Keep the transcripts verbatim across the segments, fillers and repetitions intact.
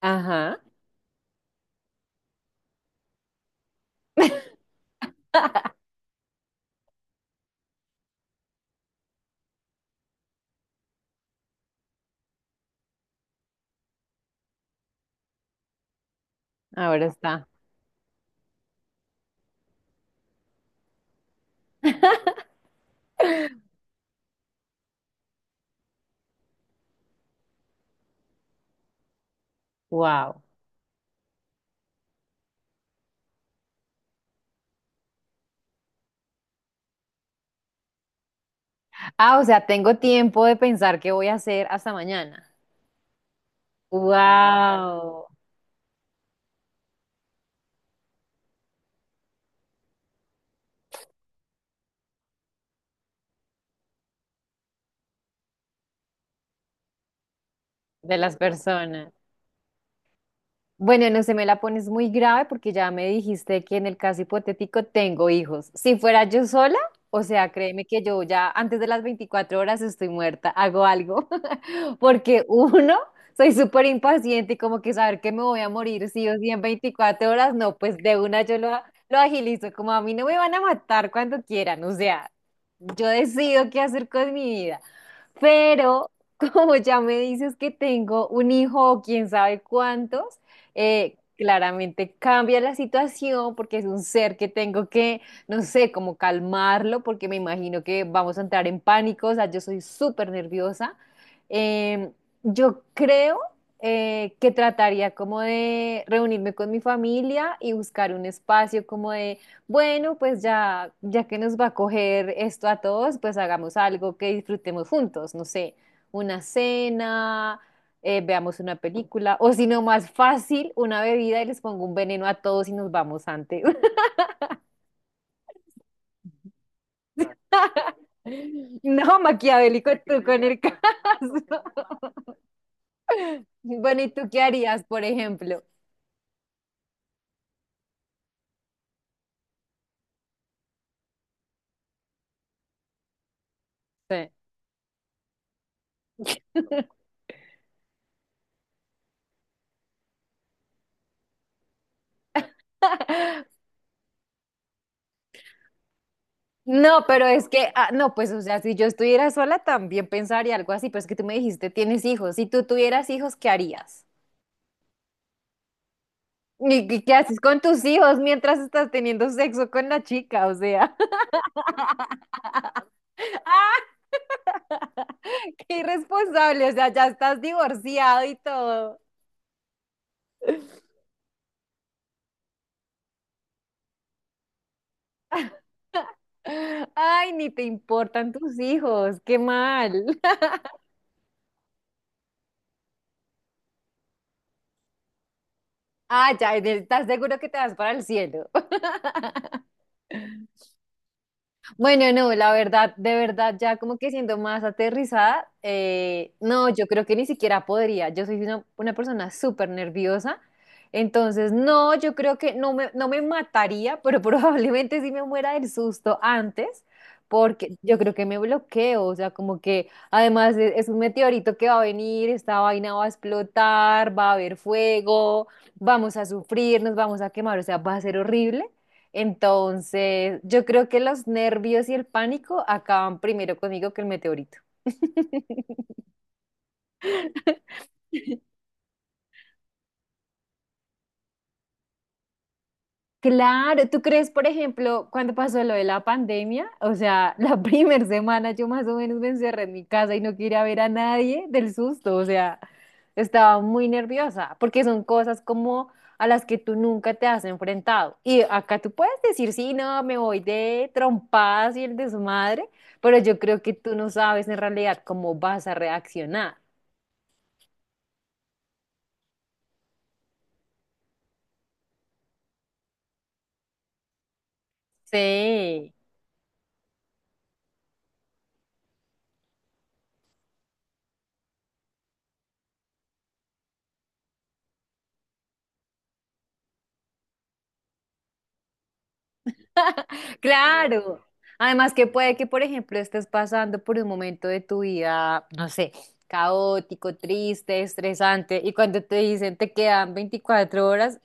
Ajá. Ahora está. Wow. Ah, o sea, tengo tiempo de pensar qué voy a hacer hasta mañana. Claro. Wow. De las personas. Bueno, no se me la pones muy grave porque ya me dijiste que en el caso hipotético tengo hijos. Si fuera yo sola, o sea, créeme que yo ya antes de las veinticuatro horas estoy muerta, hago algo. Porque uno, soy súper impaciente y como que saber que me voy a morir sí o sí en veinticuatro horas, no, pues de una yo lo, lo agilizo. Como a mí no me van a matar cuando quieran, o sea, yo decido qué hacer con mi vida. Pero como ya me dices que tengo un hijo o quién sabe cuántos, eh, claramente cambia la situación porque es un ser que tengo que, no sé, como calmarlo porque me imagino que vamos a entrar en pánico, o sea, yo soy súper nerviosa. Em, yo creo eh, que trataría como de reunirme con mi familia y buscar un espacio como de bueno, pues ya, ya que nos va a coger esto a todos, pues hagamos algo que disfrutemos juntos, no sé, una cena, eh, veamos una película, o si no, más fácil, una bebida y les pongo un veneno a todos y nos vamos antes. No, maquiavélico tú con el caso. Bueno, ¿y tú qué harías, por ejemplo? Sí. No, pero es que, ah, no, pues, o sea, si yo estuviera sola también pensaría algo así, pero es que tú me dijiste, tienes hijos, si tú tuvieras hijos, ¿qué harías? ¿Y qué qué haces con tus hijos mientras estás teniendo sexo con la chica? O sea, qué irresponsable, o sea, ya estás divorciado y todo. Ay, ni te importan tus hijos, qué mal. Ah, ya, ¿estás seguro que te vas para el cielo? Bueno, no, la verdad, de verdad, ya como que siendo más aterrizada, eh, no, yo creo que ni siquiera podría. Yo soy una, una persona súper nerviosa, entonces no, yo creo que no me, no me mataría, pero probablemente sí me muera del susto antes, porque yo creo que me bloqueo, o sea, como que además e- es un meteorito que va a venir, esta vaina va a explotar, va a haber fuego, vamos a sufrir, nos vamos a quemar, o sea, va a ser horrible. Entonces, yo creo que los nervios y el pánico acaban primero conmigo que el meteorito. Claro, ¿tú crees, por ejemplo, cuando pasó lo de la pandemia? O sea, la primera semana yo más o menos me encerré en mi casa y no quería ver a nadie del susto, o sea, estaba muy nerviosa, porque son cosas como a las que tú nunca te has enfrentado. Y acá tú puedes decir, sí, no, me voy de trompadas y el desmadre, pero yo creo que tú no sabes en realidad cómo vas a reaccionar. Sí. Claro. Además que puede que, por ejemplo, estés pasando por un momento de tu vida, no sé, caótico, triste, estresante, y cuando te dicen te quedan veinticuatro horas,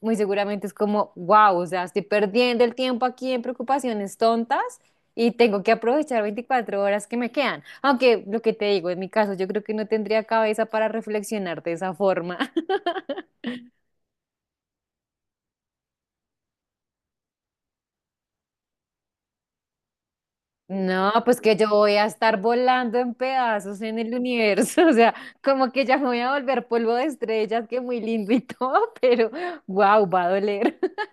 muy seguramente es como, wow, o sea, estoy perdiendo el tiempo aquí en preocupaciones tontas y tengo que aprovechar veinticuatro horas que me quedan. Aunque lo que te digo, en mi caso, yo creo que no tendría cabeza para reflexionar de esa forma. No, pues que yo voy a estar volando en pedazos en el universo, o sea, como que ya me voy a volver polvo de estrellas, que muy lindo y todo, pero wow, va a doler.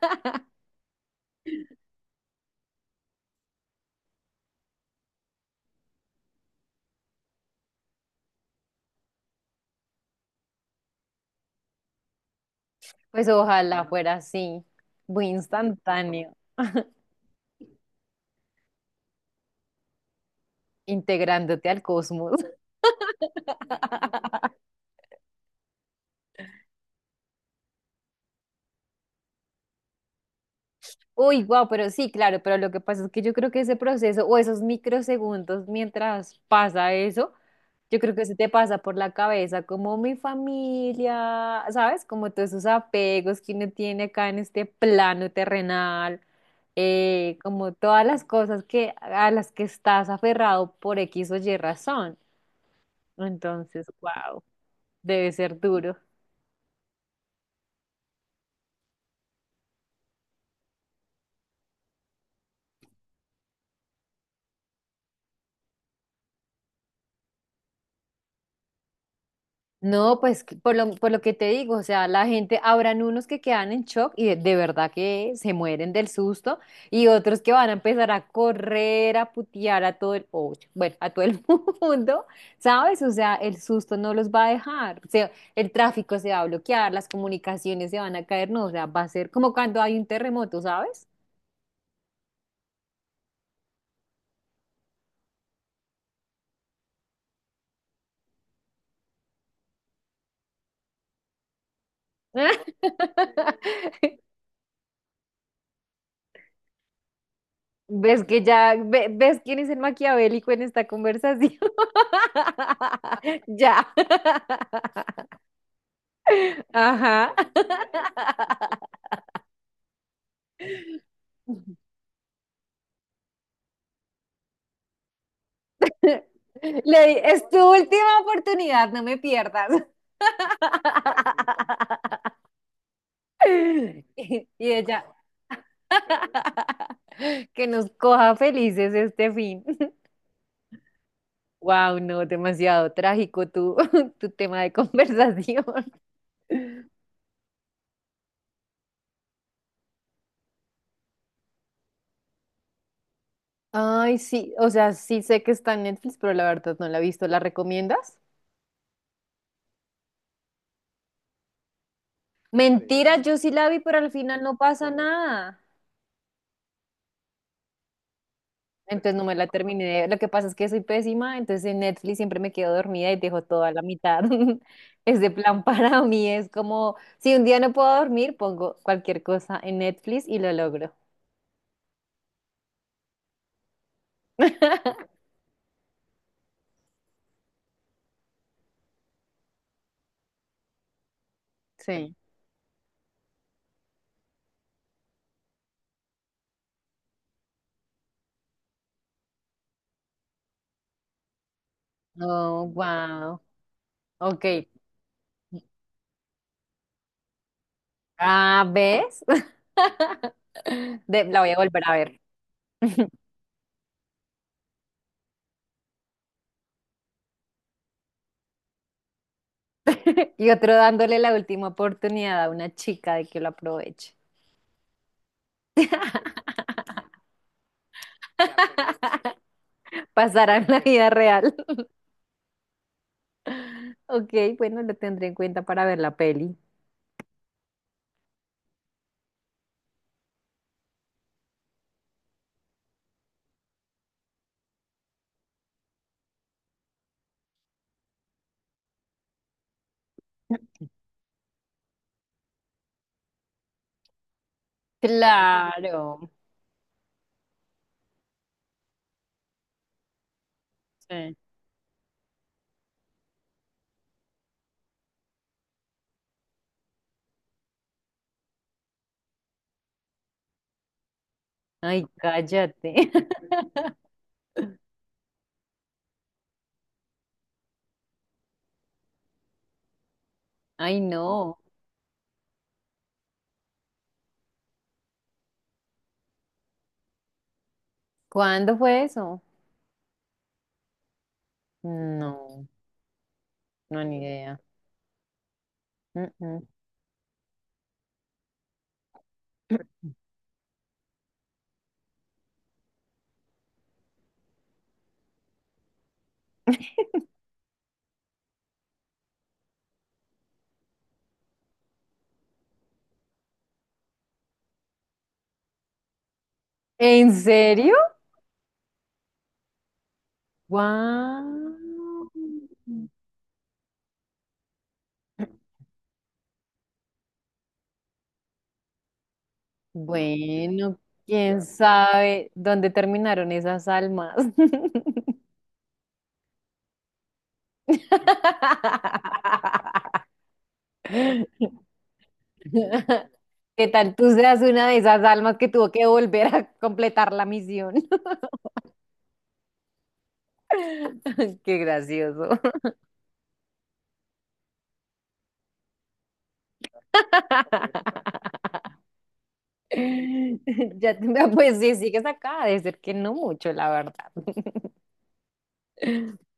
Pues ojalá fuera así, muy instantáneo, integrándote al cosmos. Uy, wow, pero sí, claro, pero lo que pasa es que yo creo que ese proceso o esos microsegundos mientras pasa eso yo creo que se te pasa por la cabeza como mi familia, ¿sabes? Como todos esos apegos que uno tiene acá en este plano terrenal, eh, como todas las cosas que a las que estás aferrado por X o Y razón. Entonces, wow, debe ser duro. No, pues que- por lo, por lo que te digo, o sea, la gente, habrán unos que quedan en shock y de, de verdad que se mueren del susto y otros que van a empezar a correr, a putear a todo el, oh, bueno, a todo el mundo, ¿sabes? O sea, el susto no los va a dejar, o sea, el tráfico se va a bloquear, las comunicaciones se van a caer, no, o sea, va a ser como cuando hay un terremoto, ¿sabes? ¿Ves que ya, ve- ves quién es el maquiavélico en esta conversación? Ya. Ajá. Le di, es tu última oportunidad, no me pierdas. Y ella, que nos coja felices este fin. Wow, no, demasiado trágico tu, tu tema de conversación. Ay, sí, o sea, sí sé que está en Netflix, pero la verdad no la he visto. ¿La recomiendas? Mentira, yo sí la vi, pero al final no pasa nada. Entonces no me la terminé. de- Lo que pasa es que soy pésima, entonces en Netflix siempre me quedo dormida y dejo toda la mitad. Ese plan para mí es como, si un día no puedo dormir, pongo cualquier cosa en Netflix y lo logro. Sí. Oh, wow. Ok. Ah, ¿ves? De- la voy a volver a ver. Y otro dándole la última oportunidad a una chica de que lo aproveche. Pasará en la vida real. Ok, bueno, lo tendré en cuenta para ver la peli. Claro. Sí. Ay, cállate. Ay, no. ¿Cuándo fue eso? No, no, ni idea. Mm, mm. ¿En serio? Wow. Bueno, quién sabe dónde terminaron esas almas. ¿Qué tal tú seas una de esas almas que tuvo que volver a completar la misión? Qué gracioso. Ya, te- pues sí, sigues acá, de ser que no mucho, la verdad.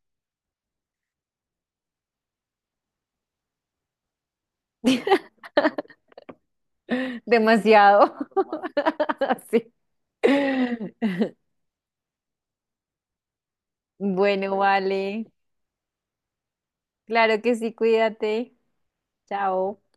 Demasiado. Sí. Bueno, vale. Claro que sí, cuídate. Chao.